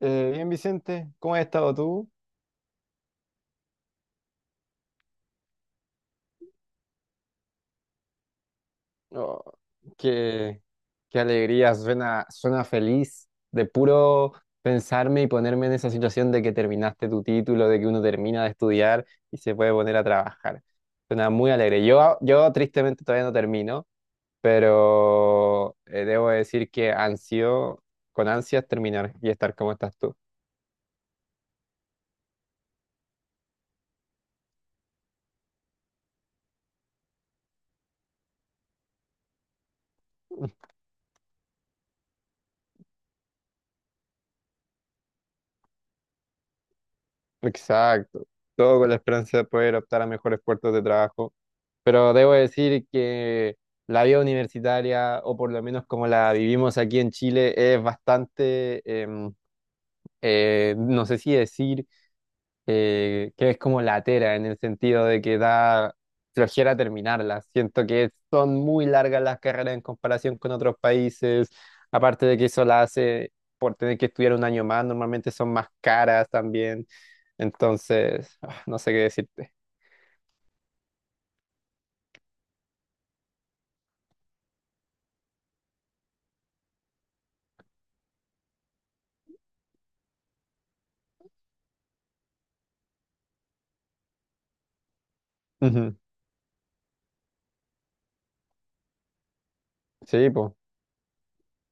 Bien, Vicente, ¿cómo has estado tú? Oh, qué, qué alegría, suena feliz de puro pensarme y ponerme en esa situación de que terminaste tu título, de que uno termina de estudiar y se puede poner a trabajar. Suena muy alegre. Yo tristemente todavía no termino, pero debo decir que ansio, con ansias terminar y estar como estás tú. Exacto, todo con la esperanza de poder optar a mejores puertos de trabajo, pero debo decir que la vida universitaria, o por lo menos como la vivimos aquí en Chile, es bastante, no sé si decir que es como latera en el sentido de que da flojera terminarlas. Siento que son muy largas las carreras en comparación con otros países, aparte de que eso la hace por tener que estudiar un año más, normalmente son más caras también. Entonces, no sé qué decirte. Ujú. Sí, pues.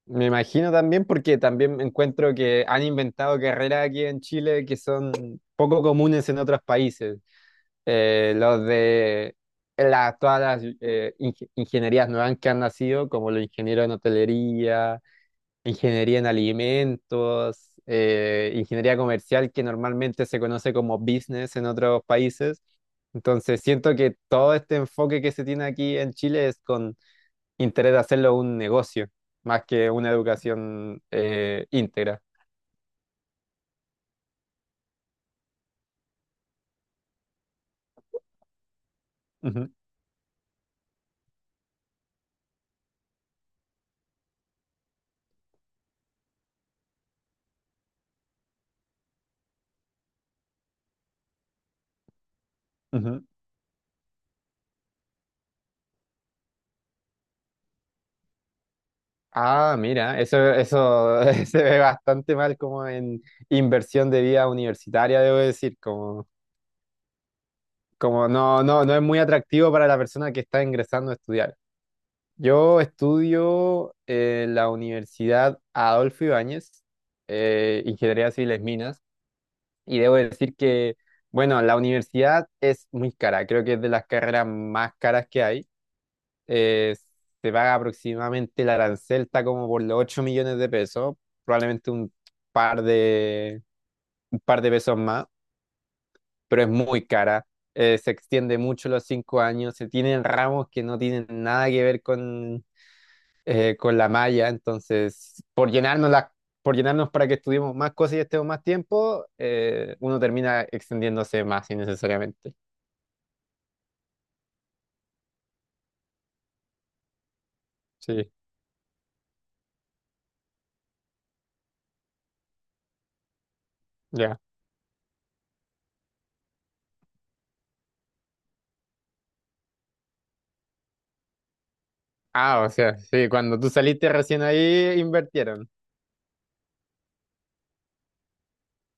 Me imagino también porque también encuentro que han inventado carreras aquí en Chile que son poco comunes en otros países. Los de todas las ingenierías nuevas que han nacido, como los ingenieros en hotelería, ingeniería en alimentos, ingeniería comercial, que normalmente se conoce como business en otros países. Entonces, siento que todo este enfoque que se tiene aquí en Chile es con interés de hacerlo un negocio, más que una educación íntegra. Ujú, ujú. Ah, mira, eso se ve bastante mal como en inversión de vida universitaria, debo decir, como, como no es muy atractivo para la persona que está ingresando a estudiar. Yo estudio en la Universidad Adolfo Ibáñez, Ingeniería Civiles Minas, y debo decir que, bueno, la universidad es muy cara, creo que es de las carreras más caras que hay. eh, Se paga aproximadamente el arancel, está como por los 8 millones de pesos, probablemente par de, un par de pesos más, pero es muy cara. Se extiende mucho los 5 años, se tienen ramos que no tienen nada que ver con la malla, entonces por llenarnos para que estudiemos más cosas y estemos más tiempo, uno termina extendiéndose más innecesariamente. Sí, ya. Ah, o sea, sí, cuando tú saliste recién ahí, invirtieron.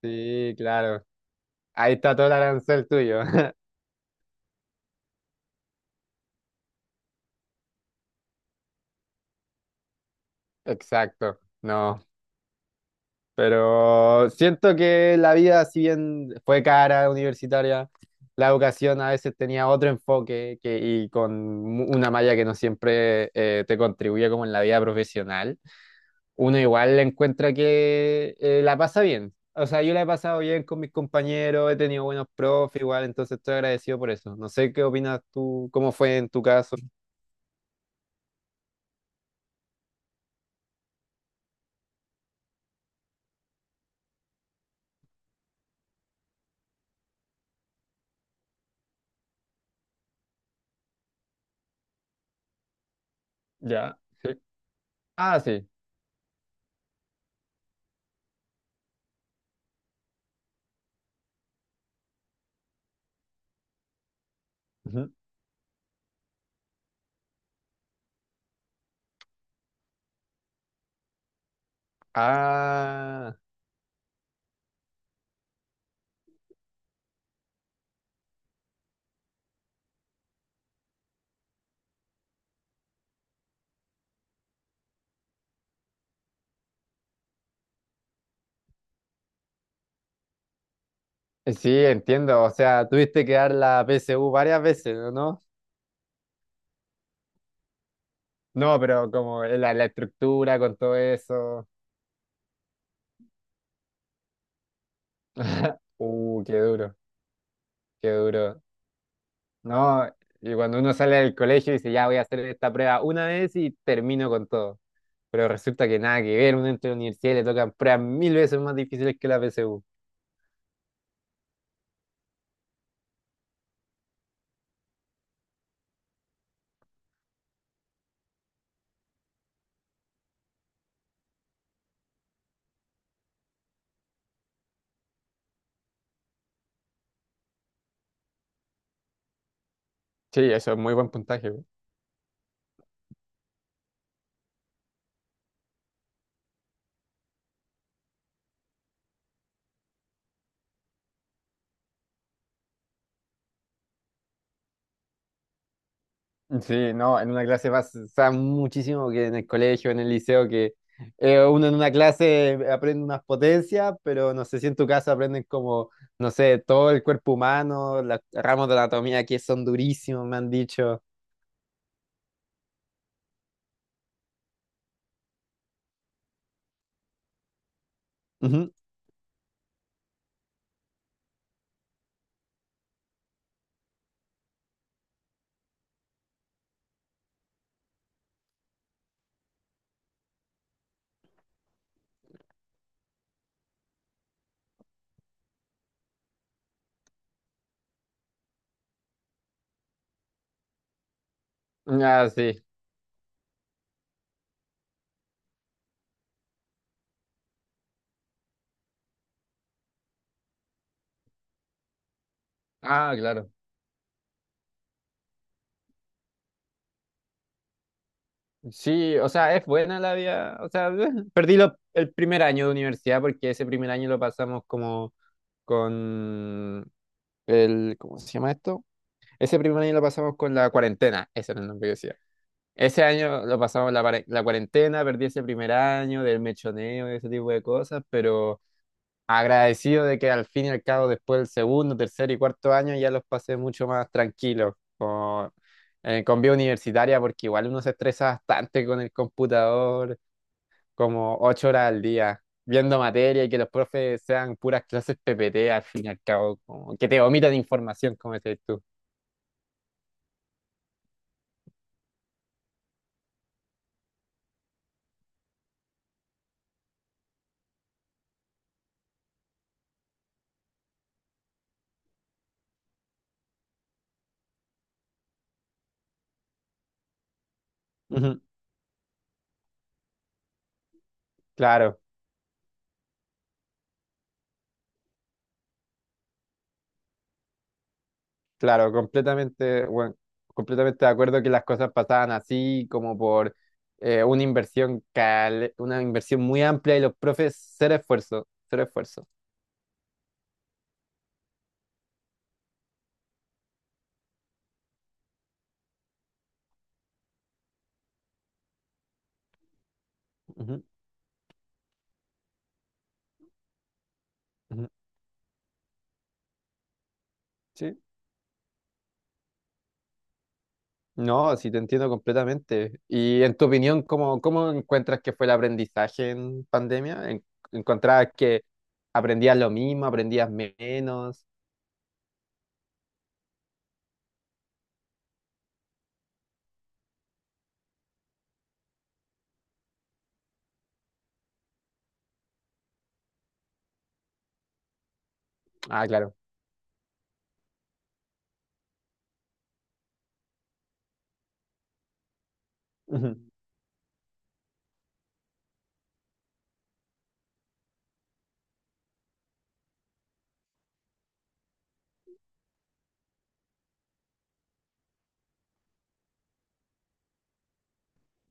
Sí, claro. Ahí está todo el arancel tuyo. Exacto. No. Pero siento que la vida, si bien fue cara, universitaria, la educación a veces tenía otro enfoque que, y con una malla que no siempre te contribuye como en la vida profesional. Uno igual encuentra que la pasa bien. O sea, yo la he pasado bien con mis compañeros, he tenido buenos profes igual, entonces estoy agradecido por eso. No sé qué opinas tú, cómo fue en tu caso. Ya. Sí. Ah, sí. Ah, sí, entiendo. O sea, tuviste que dar la PSU varias veces, ¿o no? No, pero como la estructura con todo eso. Qué duro, qué duro. No, y cuando uno sale del colegio y dice, ya voy a hacer esta prueba una vez y termino con todo. Pero resulta que nada que ver, uno entra a la universidad y le tocan pruebas mil veces más difíciles que la PSU. Sí, eso es muy buen puntaje. Sí, no, en una clase pasa muchísimo que en el colegio, en el liceo, que uno en una clase aprende unas potencias, pero no sé si en tu caso aprenden como, no sé, todo el cuerpo humano, los ramos de anatomía que son durísimos, me han dicho. Ujú. Ah, sí. Ah, claro. Sí, o sea, es buena la vida. O sea, el primer año de universidad porque ese primer año lo pasamos como con el, ¿cómo se llama esto? Ese primer año lo pasamos con la cuarentena, ese era el nombre que decía. Ese año lo pasamos la cuarentena, perdí ese primer año del mechoneo y ese tipo de cosas, pero agradecido de que al fin y al cabo después del segundo, tercer y cuarto año ya los pasé mucho más tranquilos con vida universitaria, porque igual uno se estresa bastante con el computador, como ocho horas al día, viendo materia y que los profes sean puras clases PPT al fin y al cabo, como que te vomitan información, como decís tú. Ujú. Claro. Claro, completamente, bueno, completamente de acuerdo que las cosas pasaban así, como por una una inversión muy amplia y los profes ser esfuerzo, ser esfuerzo. Ujú, ujú. Sí. No, sí te entiendo completamente. Y en tu opinión, ¿cómo, cómo encuentras que fue el aprendizaje en pandemia? ¿En- ¿Encontrabas que aprendías lo mismo, aprendías menos? Ah, claro.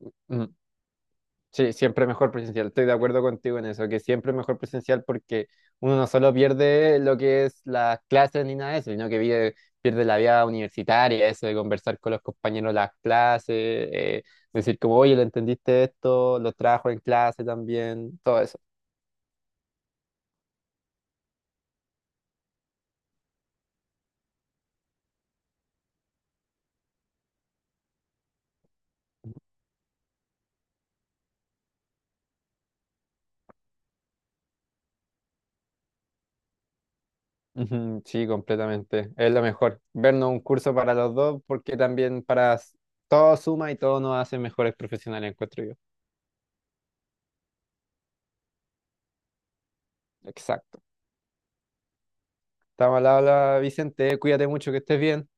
Ujú, ujú. Sí, siempre mejor presencial. Estoy de acuerdo contigo en eso, que siempre es mejor presencial porque uno no solo pierde lo que es las clases ni nada de eso, pierde la vida universitaria, eso de conversar con los compañeros las clases, decir como, oye, ¿lo entendiste esto? ¿Lo trajo en clase también? Todo eso. Ujú, sí, completamente. Es lo mejor. Vernos un curso para los dos porque también todo suma y todo nos hace mejores profesionales, encuentro yo. Exacto. Estamos al habla, Vicente. Cuídate mucho, que estés bien.